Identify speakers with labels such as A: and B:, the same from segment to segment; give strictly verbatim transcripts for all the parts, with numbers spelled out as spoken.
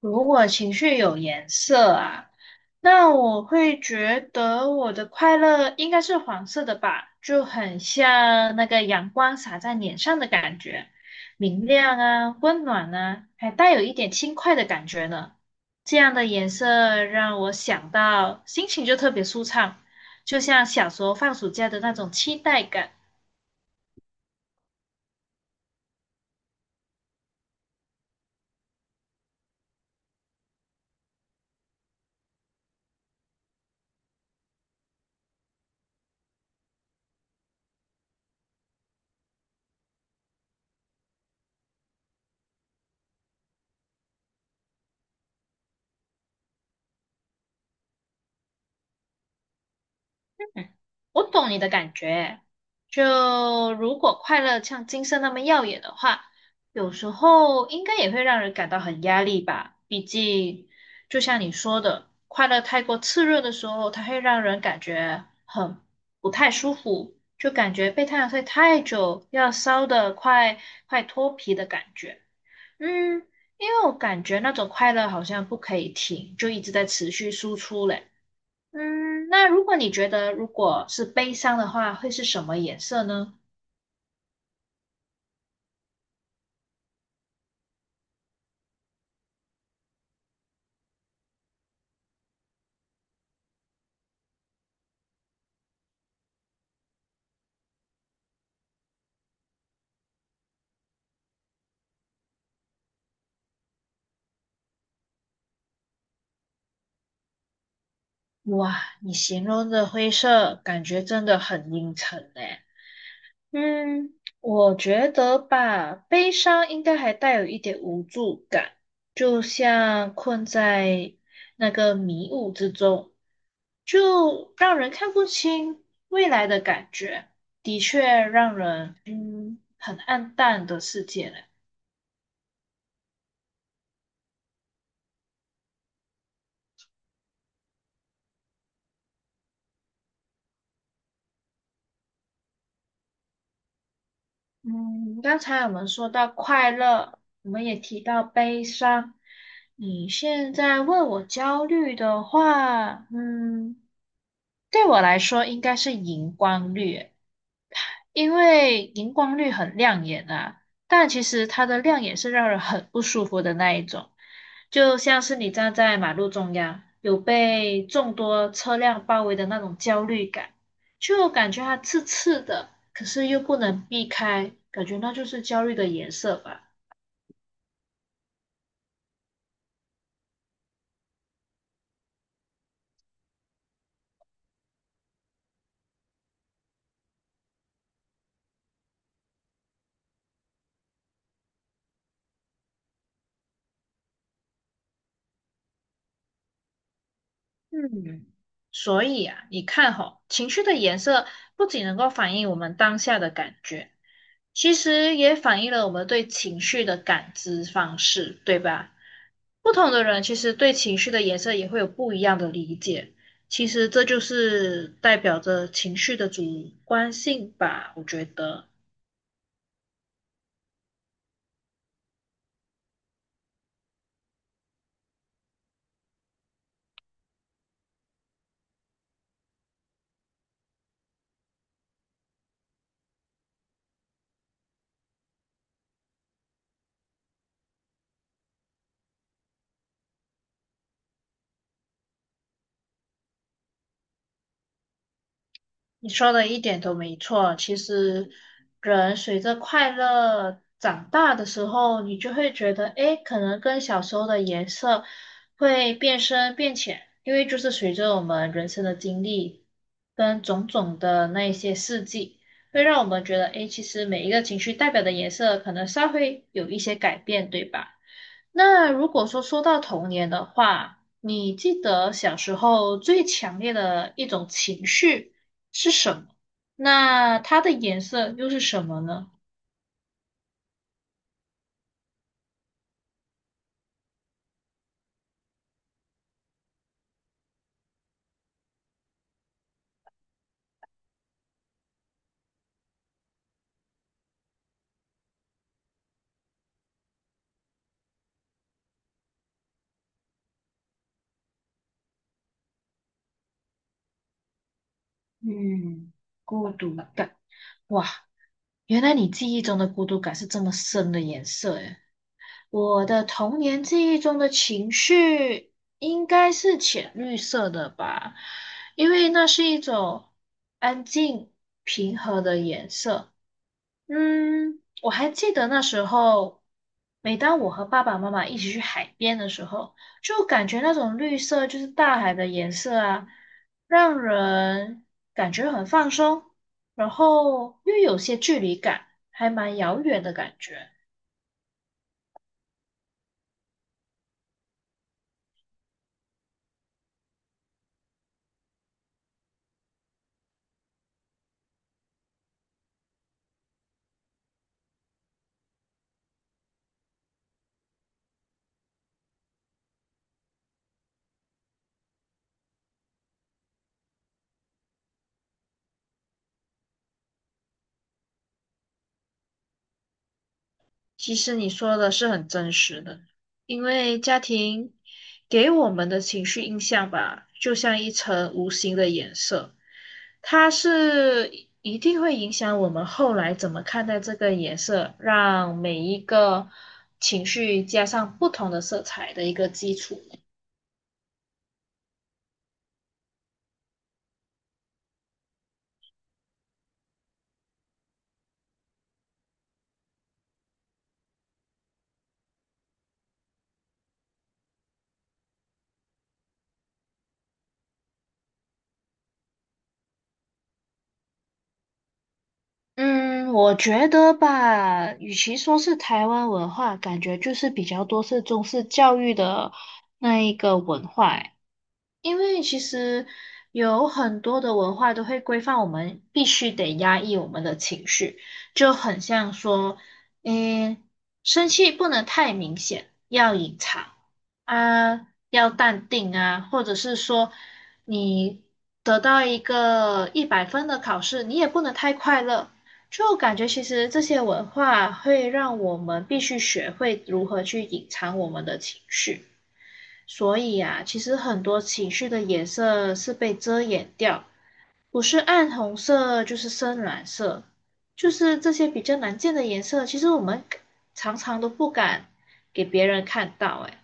A: 如果情绪有颜色啊，那我会觉得我的快乐应该是黄色的吧，就很像那个阳光洒在脸上的感觉，明亮啊，温暖啊，还带有一点轻快的感觉呢。这样的颜色让我想到心情就特别舒畅，就像小时候放暑假的那种期待感。嗯，我懂你的感觉。就如果快乐像金色那么耀眼的话，有时候应该也会让人感到很压力吧。毕竟，就像你说的，快乐太过炽热的时候，它会让人感觉很不太舒服，就感觉被太阳晒太久，要烧得快快脱皮的感觉。嗯，因为我感觉那种快乐好像不可以停，就一直在持续输出嘞。嗯，那如果你觉得如果是悲伤的话，会是什么颜色呢？哇，你形容的灰色感觉真的很阴沉诶。嗯，我觉得吧，悲伤应该还带有一点无助感，就像困在那个迷雾之中，就让人看不清未来的感觉，的确让人嗯很暗淡的世界嘞。嗯，刚才我们说到快乐，我们也提到悲伤。你现在问我焦虑的话，嗯，对我来说应该是荧光绿。因为荧光绿很亮眼啊，但其实它的亮眼是让人很不舒服的那一种，就像是你站在马路中央，有被众多车辆包围的那种焦虑感，就感觉它刺刺的，可是又不能避开，感觉那就是焦虑的颜色吧。嗯，所以啊，你看吼，情绪的颜色不仅能够反映我们当下的感觉，其实也反映了我们对情绪的感知方式，对吧？不同的人其实对情绪的颜色也会有不一样的理解，其实这就是代表着情绪的主观性吧，我觉得。你说的一点都没错。其实，人随着快乐长大的时候，你就会觉得，诶，可能跟小时候的颜色会变深变浅，因为就是随着我们人生的经历跟种种的那一些事迹，会让我们觉得，诶，其实每一个情绪代表的颜色可能稍微有一些改变，对吧？那如果说说到童年的话，你记得小时候最强烈的一种情绪？是什么？那它的颜色又是什么呢？嗯，孤独感。哇，原来你记忆中的孤独感是这么深的颜色诶。我的童年记忆中的情绪应该是浅绿色的吧，因为那是一种安静平和的颜色。嗯，我还记得那时候，每当我和爸爸妈妈一起去海边的时候，就感觉那种绿色就是大海的颜色啊，让人感觉很放松，然后又有些距离感，还蛮遥远的感觉。其实你说的是很真实的，因为家庭给我们的情绪印象吧，就像一层无形的颜色，它是一定会影响我们后来怎么看待这个颜色，让每一个情绪加上不同的色彩的一个基础。嗯，我觉得吧，与其说是台湾文化，感觉就是比较多是中式教育的那一个文化诶。因为其实有很多的文化都会规范我们必须得压抑我们的情绪，就很像说，嗯，生气不能太明显，要隐藏啊，要淡定啊，或者是说你得到一个一百分的考试，你也不能太快乐。就感觉其实这些文化会让我们必须学会如何去隐藏我们的情绪。所以啊，其实很多情绪的颜色是被遮掩掉，不是暗红色就是深蓝色，就是这些比较难见的颜色，其实我们常常都不敢给别人看到，哎，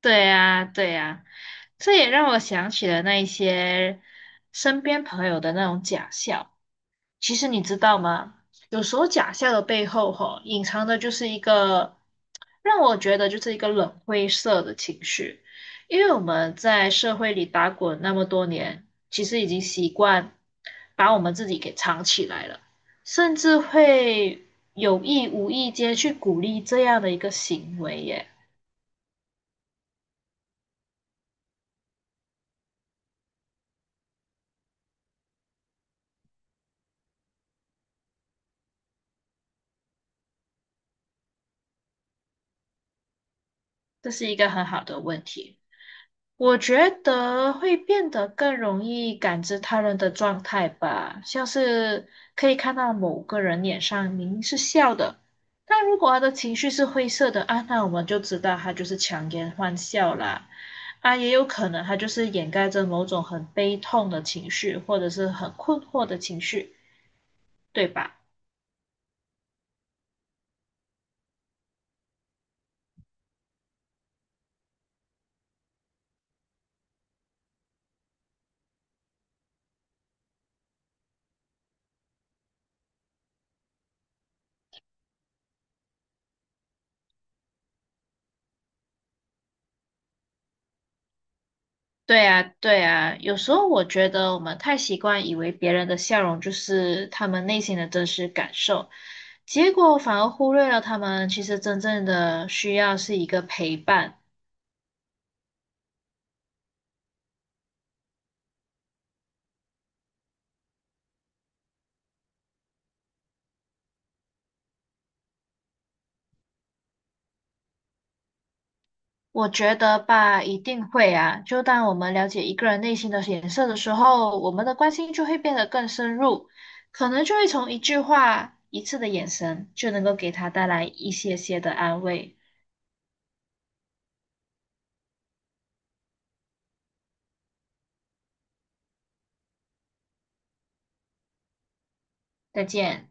A: 对呀，对呀，这也让我想起了那一些身边朋友的那种假笑。其实你知道吗？有时候假笑的背后，吼，隐藏的就是一个让我觉得就是一个冷灰色的情绪，因为我们在社会里打滚那么多年，其实已经习惯把我们自己给藏起来了，甚至会有意无意间去鼓励这样的一个行为耶，这是一个很好的问题。我觉得会变得更容易感知他人的状态吧，像是可以看到某个人脸上明明是笑的，但如果他的情绪是灰色的啊，那我们就知道他就是强颜欢笑啦。啊，也有可能他就是掩盖着某种很悲痛的情绪，或者是很困惑的情绪，对吧？对啊，对啊，有时候我觉得我们太习惯以为别人的笑容就是他们内心的真实感受，结果反而忽略了他们其实真正的需要是一个陪伴。我觉得吧，一定会啊。就当我们了解一个人内心的颜色的时候，我们的关心就会变得更深入，可能就会从一句话、一次的眼神，就能够给他带来一些些的安慰。再见。